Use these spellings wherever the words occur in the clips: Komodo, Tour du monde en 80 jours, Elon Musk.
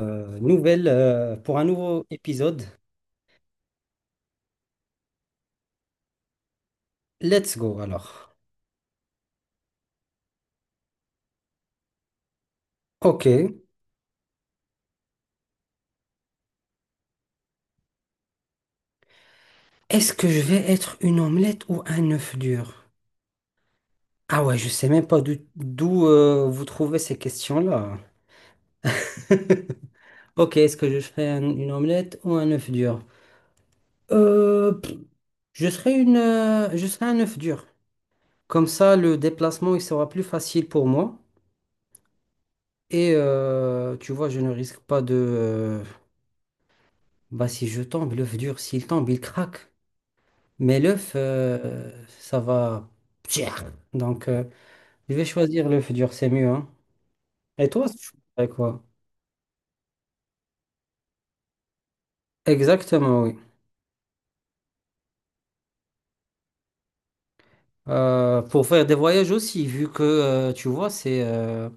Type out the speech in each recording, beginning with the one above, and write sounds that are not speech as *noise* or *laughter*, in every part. Nouvelle, pour un nouveau épisode. Let's go alors. Ok. Est-ce que je vais être une omelette ou un œuf dur? Ah ouais, je sais même pas d'où vous trouvez ces questions-là. *laughs* Ok, est-ce que je ferai une omelette ou un œuf dur? Pff, je serai une, je serai un œuf dur. Comme ça, le déplacement il sera plus facile pour moi. Et tu vois, je ne risque pas de bah, si je tombe, l'œuf dur, s'il tombe, il craque. Mais l'œuf, ça va. Donc, je vais choisir l'œuf dur, c'est mieux, hein. Et toi, tu choisirais quoi? Exactement, oui. Pour faire des voyages aussi, vu que, tu vois, c'est,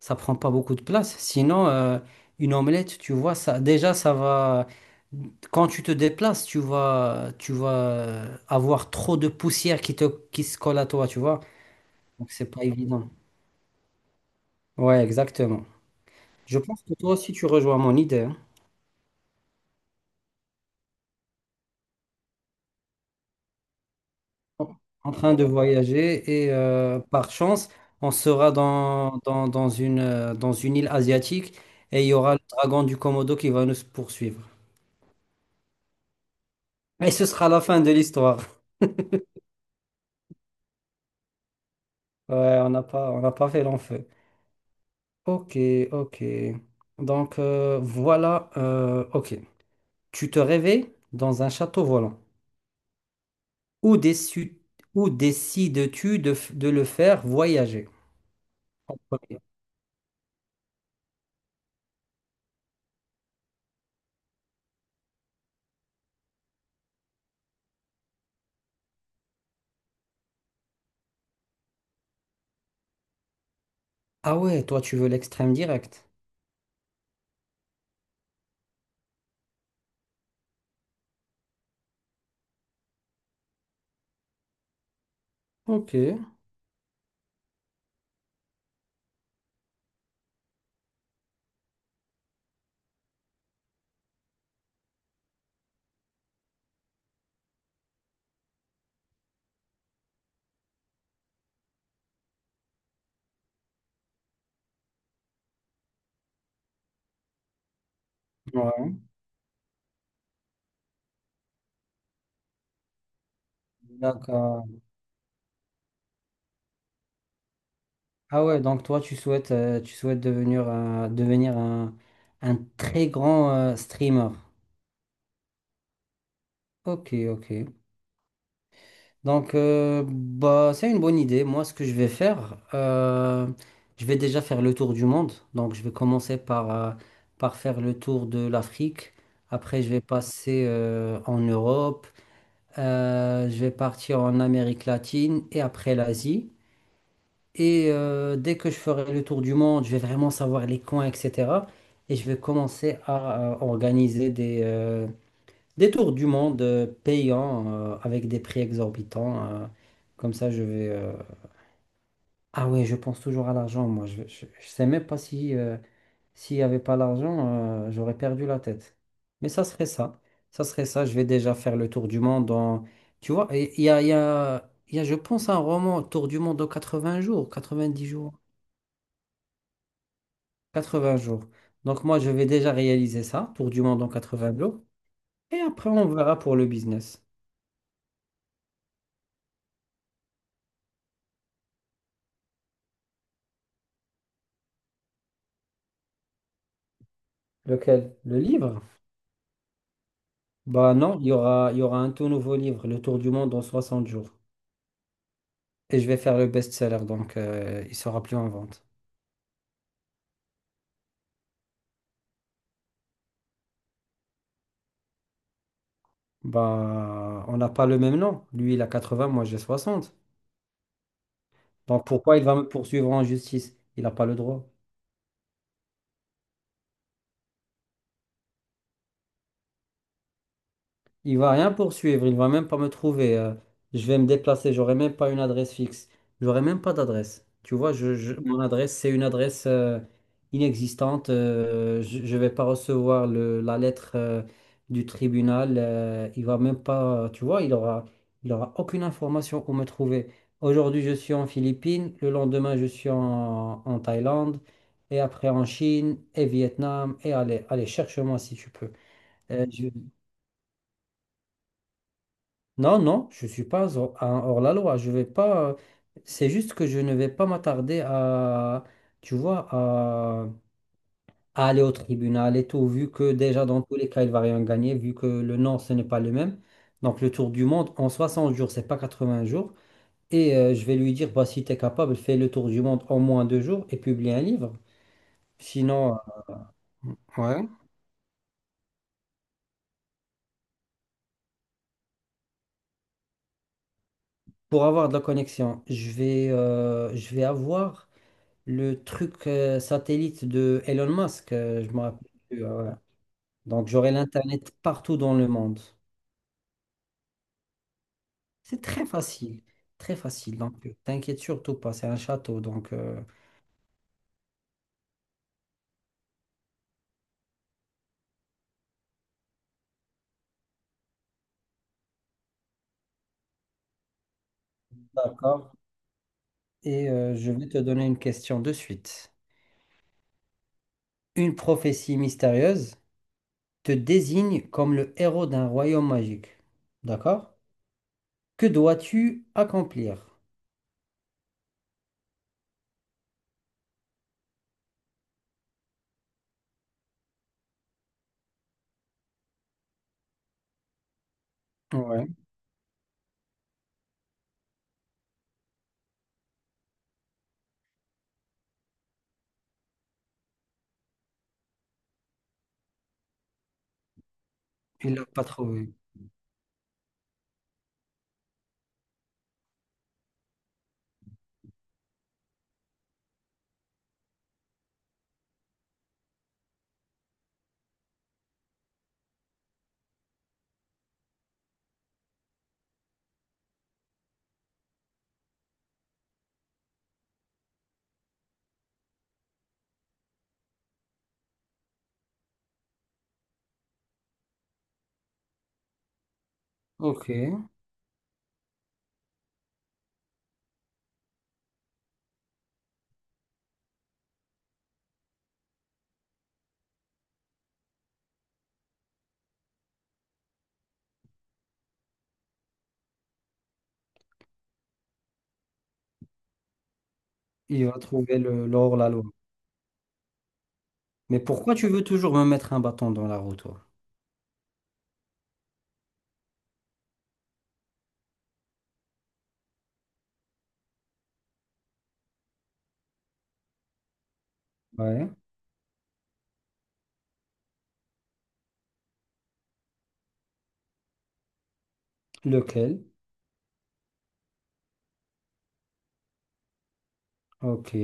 ça prend pas beaucoup de place. Sinon, une omelette, tu vois, ça, déjà, ça va. Quand tu te déplaces, tu vas avoir trop de poussière qui se colle à toi, tu vois. Donc, c'est pas évident. Ouais, exactement. Je pense que toi aussi, tu rejoins mon idée, hein. en en train de voyager et par chance, on sera dans une île asiatique et il y aura le dragon du Komodo qui va nous poursuivre. Et ce sera la fin de l'histoire. *laughs* Ouais, on n'a pas fait long feu. Ok, ok. Donc voilà, ok. Tu te réveilles dans un château volant. Où, déçu- où décides-tu de, de le faire voyager? En premier. Ah ouais, toi tu veux l'extrême direct. Ok. Ouais, d'accord. Ah ouais, donc toi, tu souhaites devenir, devenir un très grand streamer. Ok, ok. Donc, bah, c'est une bonne idée. Moi, ce que je vais faire, je vais déjà faire le tour du monde. Donc, je vais commencer par, par faire le tour de l'Afrique. Après, je vais passer en Europe. Je vais partir en Amérique latine et après l'Asie. Et dès que je ferai le tour du monde, je vais vraiment savoir les coins, etc. Et je vais commencer à, organiser des tours du monde payants avec des prix exorbitants. Comme ça, je vais... ah ouais, je pense toujours à l'argent, moi. Je sais même pas si, s'il n'y avait pas l'argent, j'aurais perdu la tête. Mais ça serait ça. Ça serait ça. Je vais déjà faire le tour du monde en... Tu vois, il y a, je pense, un roman, Tour du monde en 80 jours, quatre-vingt-dix jours. 80 jours. Donc moi, je vais déjà réaliser ça, tour du monde en 80 jours. Et après, on verra pour le business. Lequel? Le livre? Bah non, il y aura un tout nouveau livre, Le Tour du monde en 60 jours. Et je vais faire le best-seller, donc il sera plus en vente. Bah, on n'a pas le même nom. Lui, il a 80, moi j'ai 60. Donc pourquoi il va me poursuivre en justice? Il n'a pas le droit. Il va rien poursuivre, il va même pas me trouver. Je vais me déplacer, j'aurai même pas une adresse fixe. J'aurai même pas d'adresse. Tu vois, mon adresse, c'est une adresse inexistante. Je vais pas recevoir le, la lettre du tribunal. Il va même pas, tu vois, il aura aucune information où me trouver. Aujourd'hui, je suis en Philippines. Le lendemain, en Thaïlande. Et après en Chine et Vietnam. Et allez, allez, cherche-moi si tu peux. Euh, je- Non, non, je ne suis pas un hors-la-loi. Je vais pas. C'est juste que je ne vais pas m'attarder à, tu vois, à aller au tribunal et tout, vu que déjà dans tous les cas, il va rien gagner, vu que le nom, ce n'est pas le même. Donc le tour du monde en 60 jours, c'est pas 80 jours. Et je vais lui dire, bah, si tu es capable, fais le tour du monde en moins deux jours et publie un livre. Sinon, ouais. Pour avoir de la connexion, je vais avoir le truc satellite de Elon Musk, je me rappelle plus. Voilà. Donc j'aurai l'Internet partout dans le monde. C'est très facile, très facile. Donc t'inquiète surtout pas, c'est un château. Donc d'accord. Et je vais te donner une question de suite. Une prophétie mystérieuse te désigne comme le héros d'un royaume magique. D'accord? Que dois-tu accomplir? Ouais, il l'a pas trouvé. Ok, il va trouver le l'or la. Mais pourquoi tu veux toujours me mettre un bâton dans la roue, toi? Ouais. Lequel? Ok.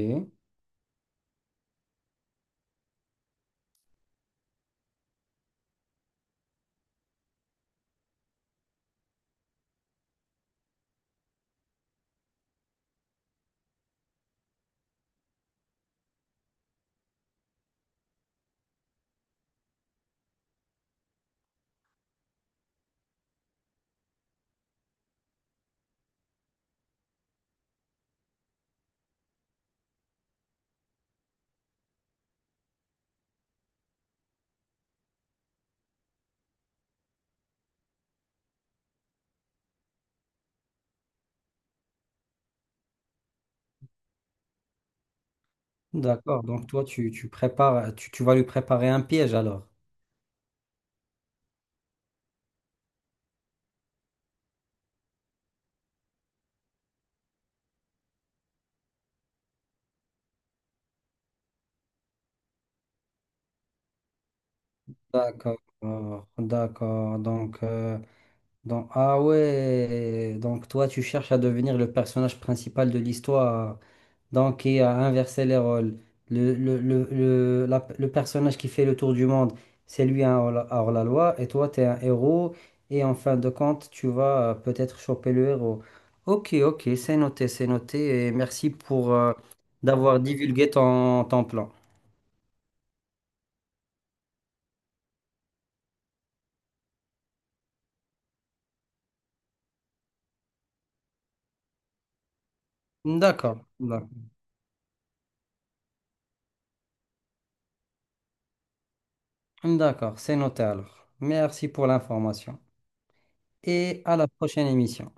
D'accord. Donc toi, tu prépares, tu vas lui préparer un piège alors. D'accord. D'accord. Donc, ah ouais. Donc toi, tu cherches à devenir le personnage principal de l'histoire. Donc, il a inversé les rôles. Le personnage qui fait le tour du monde, c'est lui un hors-la-loi, et toi, tu es un héros, et en fin de compte, tu vas peut-être choper le héros. Ok, ok, c'est noté, et merci pour d'avoir divulgué ton, ton plan. D'accord, d'accord, d'accord, c'est noté alors. Merci pour l'information, et à la prochaine émission.